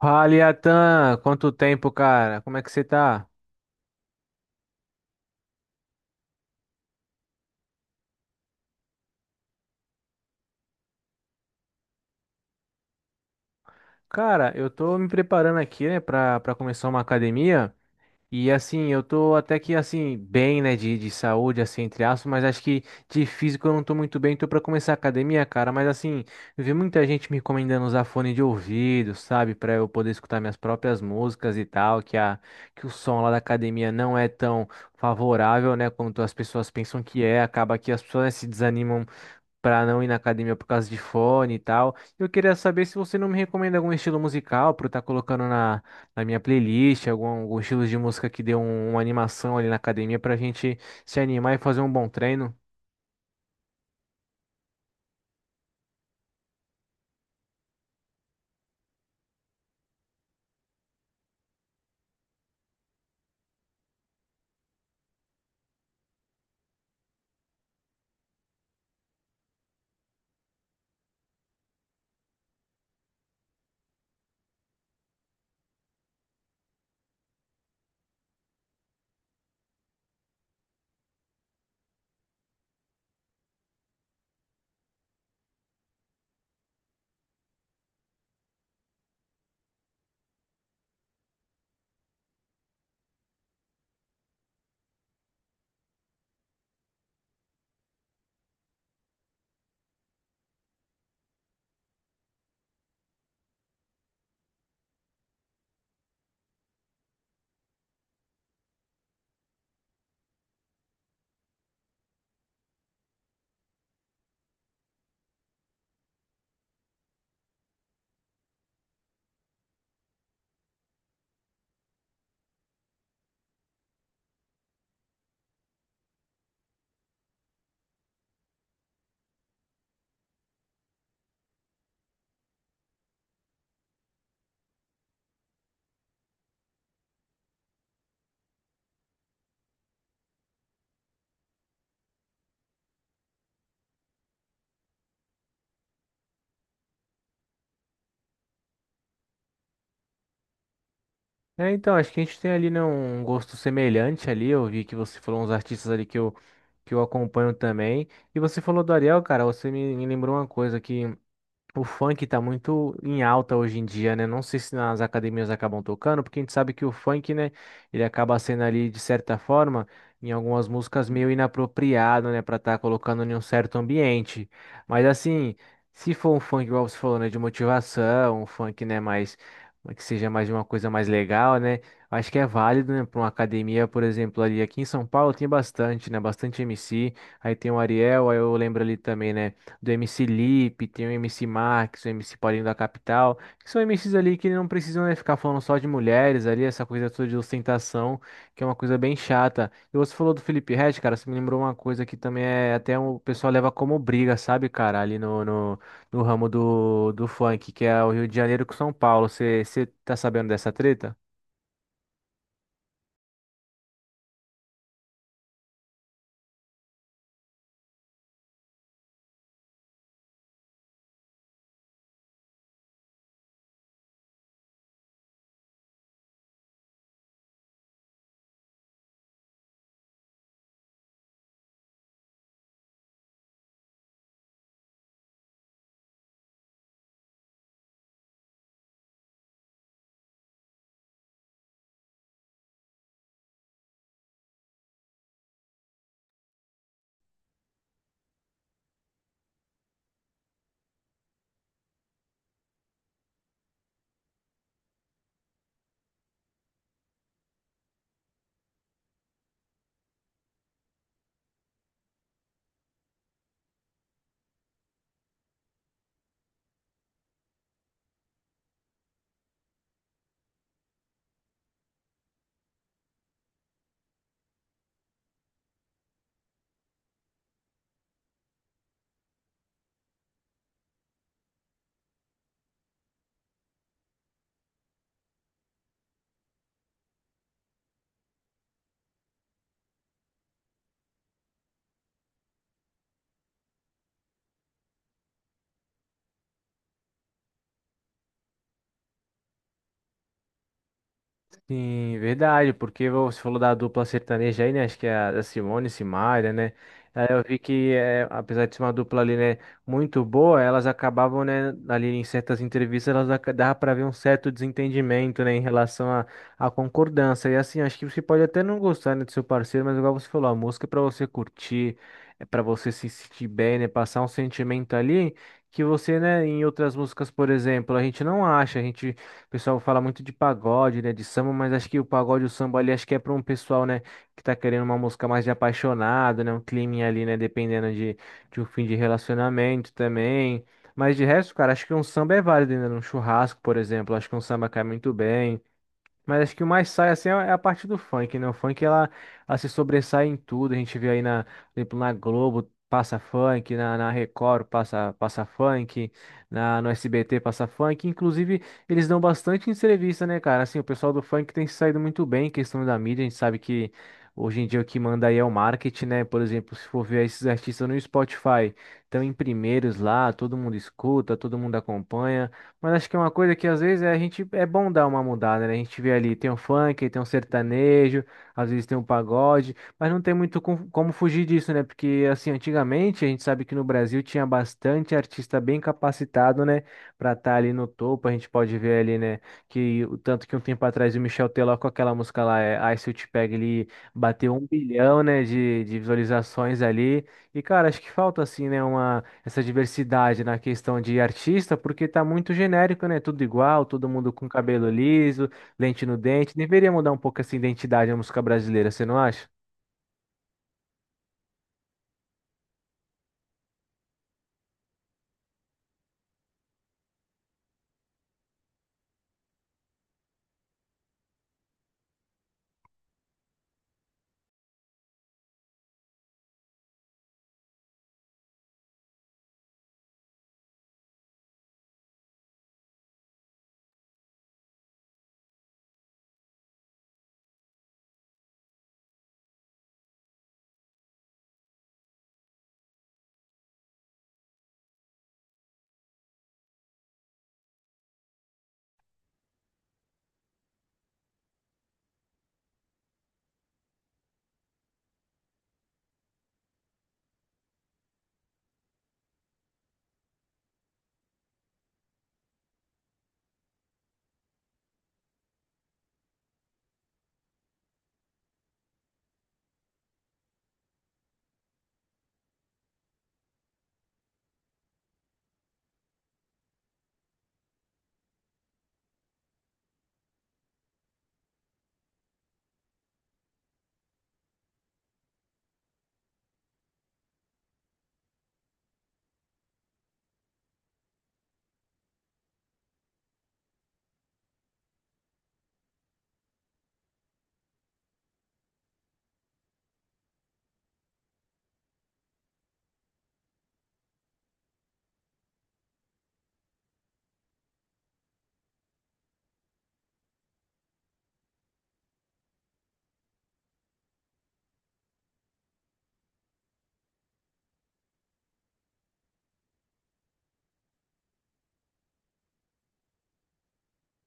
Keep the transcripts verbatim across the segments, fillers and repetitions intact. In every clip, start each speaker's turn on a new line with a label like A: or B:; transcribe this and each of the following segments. A: Fala, Iatan, quanto tempo, cara? Como é que você tá? Cara, eu tô me preparando aqui, né, pra, pra começar uma academia. E assim, eu tô até que assim, bem, né, de, de saúde, assim, entre aspas, mas acho que de físico eu não tô muito bem, tô pra começar a academia, cara. Mas assim, eu vi muita gente me recomendando usar fone de ouvido, sabe, pra eu poder escutar minhas próprias músicas e tal, que, a, que o som lá da academia não é tão favorável, né, quanto as pessoas pensam que é. Acaba que as pessoas, né, se desanimam para não ir na academia por causa de fone e tal. Eu queria saber se você não me recomenda algum estilo musical para eu estar colocando na, na minha playlist, algum, algum estilo de música que dê um- uma animação ali na academia para a gente se animar e fazer um bom treino. É, então, acho que a gente tem ali, né, um gosto semelhante ali. Eu vi que você falou uns artistas ali que eu, que eu acompanho também. E você falou do Ariel, cara, você me, me lembrou uma coisa aqui. O funk tá muito em alta hoje em dia, né? Não sei se nas academias acabam tocando, porque a gente sabe que o funk, né, ele acaba sendo ali, de certa forma, em algumas músicas meio inapropriado, né, pra estar colocando em um certo ambiente. Mas assim, se for um funk, igual você falou, né, de motivação, um funk, né, mais, que seja mais uma coisa mais legal, né? Acho que é válido, né, pra uma academia, por exemplo, ali aqui em São Paulo tem bastante, né, bastante M C, aí tem o Ariel, aí eu lembro ali também, né? Do M C Lipe, tem o M C Max, o M C Paulinho da Capital, que são M Cs ali que não precisam, né, ficar falando só de mulheres ali, essa coisa toda de ostentação, que é uma coisa bem chata. E você falou do Felipe Ret, cara, você me lembrou uma coisa que também é até um- o pessoal leva como briga, sabe, cara, ali no, no, no ramo do, do funk, que é o Rio de Janeiro com São Paulo. Você você tá sabendo dessa treta? Sim, verdade, porque você falou da dupla sertaneja aí, né? Acho que é a a Simone e Simaria, né? Aí eu vi que, é, apesar de ser uma dupla ali, né, muito boa, elas acabavam, né, ali em certas entrevistas, elas aca- dava para ver um certo desentendimento, né, em relação à à concordância. E assim, acho que você pode até não gostar, né, do seu parceiro, mas igual você falou, a música é para você curtir, é para você se sentir bem, né, passar um sentimento ali que você, né, em outras músicas, por exemplo, a gente não acha, a gente. O pessoal fala muito de pagode, né, de samba, mas acho que o pagode, e o samba ali, acho que é para um pessoal, né, que tá querendo uma música mais de apaixonado, né, um climinha ali, né, dependendo de, de um fim de relacionamento também. Mas de resto, cara, acho que um samba é válido, né, num churrasco, por exemplo, acho que um samba cai muito bem. Mas acho que o mais sai assim é é a parte do funk, né? O funk ela, ela se sobressai em tudo. A gente vê aí na, por exemplo, na Globo passa funk, na, na Record passa, passa funk, na, no S B T passa funk. Inclusive, eles dão bastante entrevista, né, cara? Assim, o pessoal do funk tem se saído muito bem em questão da mídia. A gente sabe que hoje em dia o que manda aí é o marketing, né? Por exemplo, se for ver esses artistas no Spotify, estão em primeiros lá, todo mundo escuta, todo mundo acompanha. Mas acho que é uma coisa que às vezes é, a gente é bom dar uma mudada, né? A gente vê ali, tem um funk, tem um sertanejo, às vezes tem um pagode, mas não tem muito com- como fugir disso, né? Porque assim, antigamente a gente sabe que no Brasil tinha bastante artista bem capacitado, né, pra estar ali no topo. A gente pode ver ali, né, que o tanto que um tempo atrás o Michel Teló com aquela música lá, é, Ai Se Eu Te Pego, ele bateu um bilhão, né, de, de visualizações ali. E cara, acho que falta assim, né, uma essa diversidade na questão de artista, porque tá muito genérico, né? Tudo igual, todo mundo com cabelo liso, lente no dente. Deveria mudar um pouco essa identidade da música brasileira, você não acha?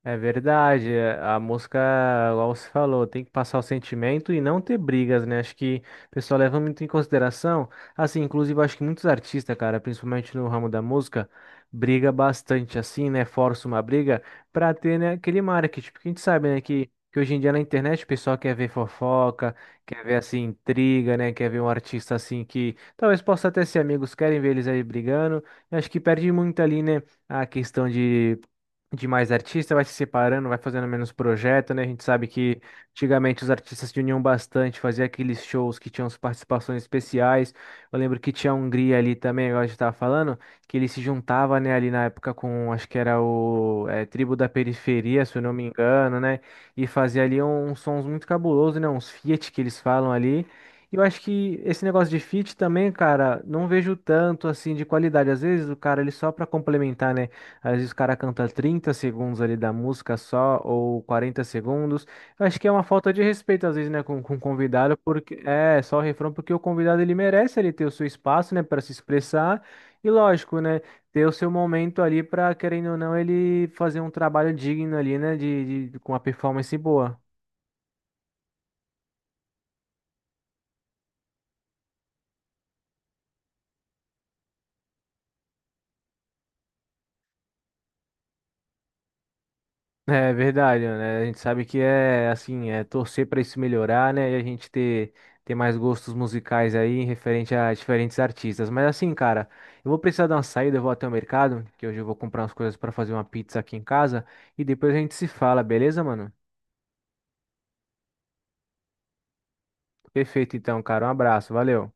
A: É verdade, é, a música, igual você falou, tem que passar o sentimento e não ter brigas, né? Acho que o pessoal leva muito em consideração. Assim, inclusive, acho que muitos artistas, cara, principalmente no ramo da música, briga bastante assim, né? Força uma briga pra ter, né, aquele marketing. Porque a gente sabe, né, que, que hoje em dia na internet o pessoal quer ver fofoca, quer ver, assim, intriga, né? Quer ver um artista, assim, que talvez possa até ser amigos, querem ver eles aí brigando. Eu acho que perde muito ali, né? A questão de de mais artista, vai se separando, vai fazendo menos projeto, né? A gente sabe que antigamente os artistas se uniam bastante, faziam aqueles shows que tinham as participações especiais. Eu lembro que tinha a Hungria ali também, igual a gente tava falando, que ele se juntava, né, ali na época com, acho que era o eh, Tribo da Periferia, se eu não me engano, né? E fazia ali um, uns sons muito cabulosos, né? Uns feat que eles falam ali. E eu acho que esse negócio de feat também, cara, não vejo tanto assim de qualidade. Às vezes o cara ele só para complementar, né? Às vezes o cara canta trinta segundos ali da música só, ou quarenta segundos. Eu acho que é uma falta de respeito, às vezes, né, com, com o convidado, porque é só o refrão, porque o convidado ele merece ele ter o seu espaço, né, para se expressar. E lógico, né, ter o seu momento ali para, querendo ou não, ele fazer um trabalho digno ali, né, de, de- com uma performance boa. É verdade, né? A gente sabe que é assim, é torcer para isso melhorar, né? E a gente ter, ter mais gostos musicais aí referente a diferentes artistas. Mas assim, cara, eu vou precisar dar uma saída, eu vou até o mercado, que hoje eu vou comprar umas coisas para fazer uma pizza aqui em casa e depois a gente se fala, beleza, mano? Perfeito então, cara. Um abraço, valeu.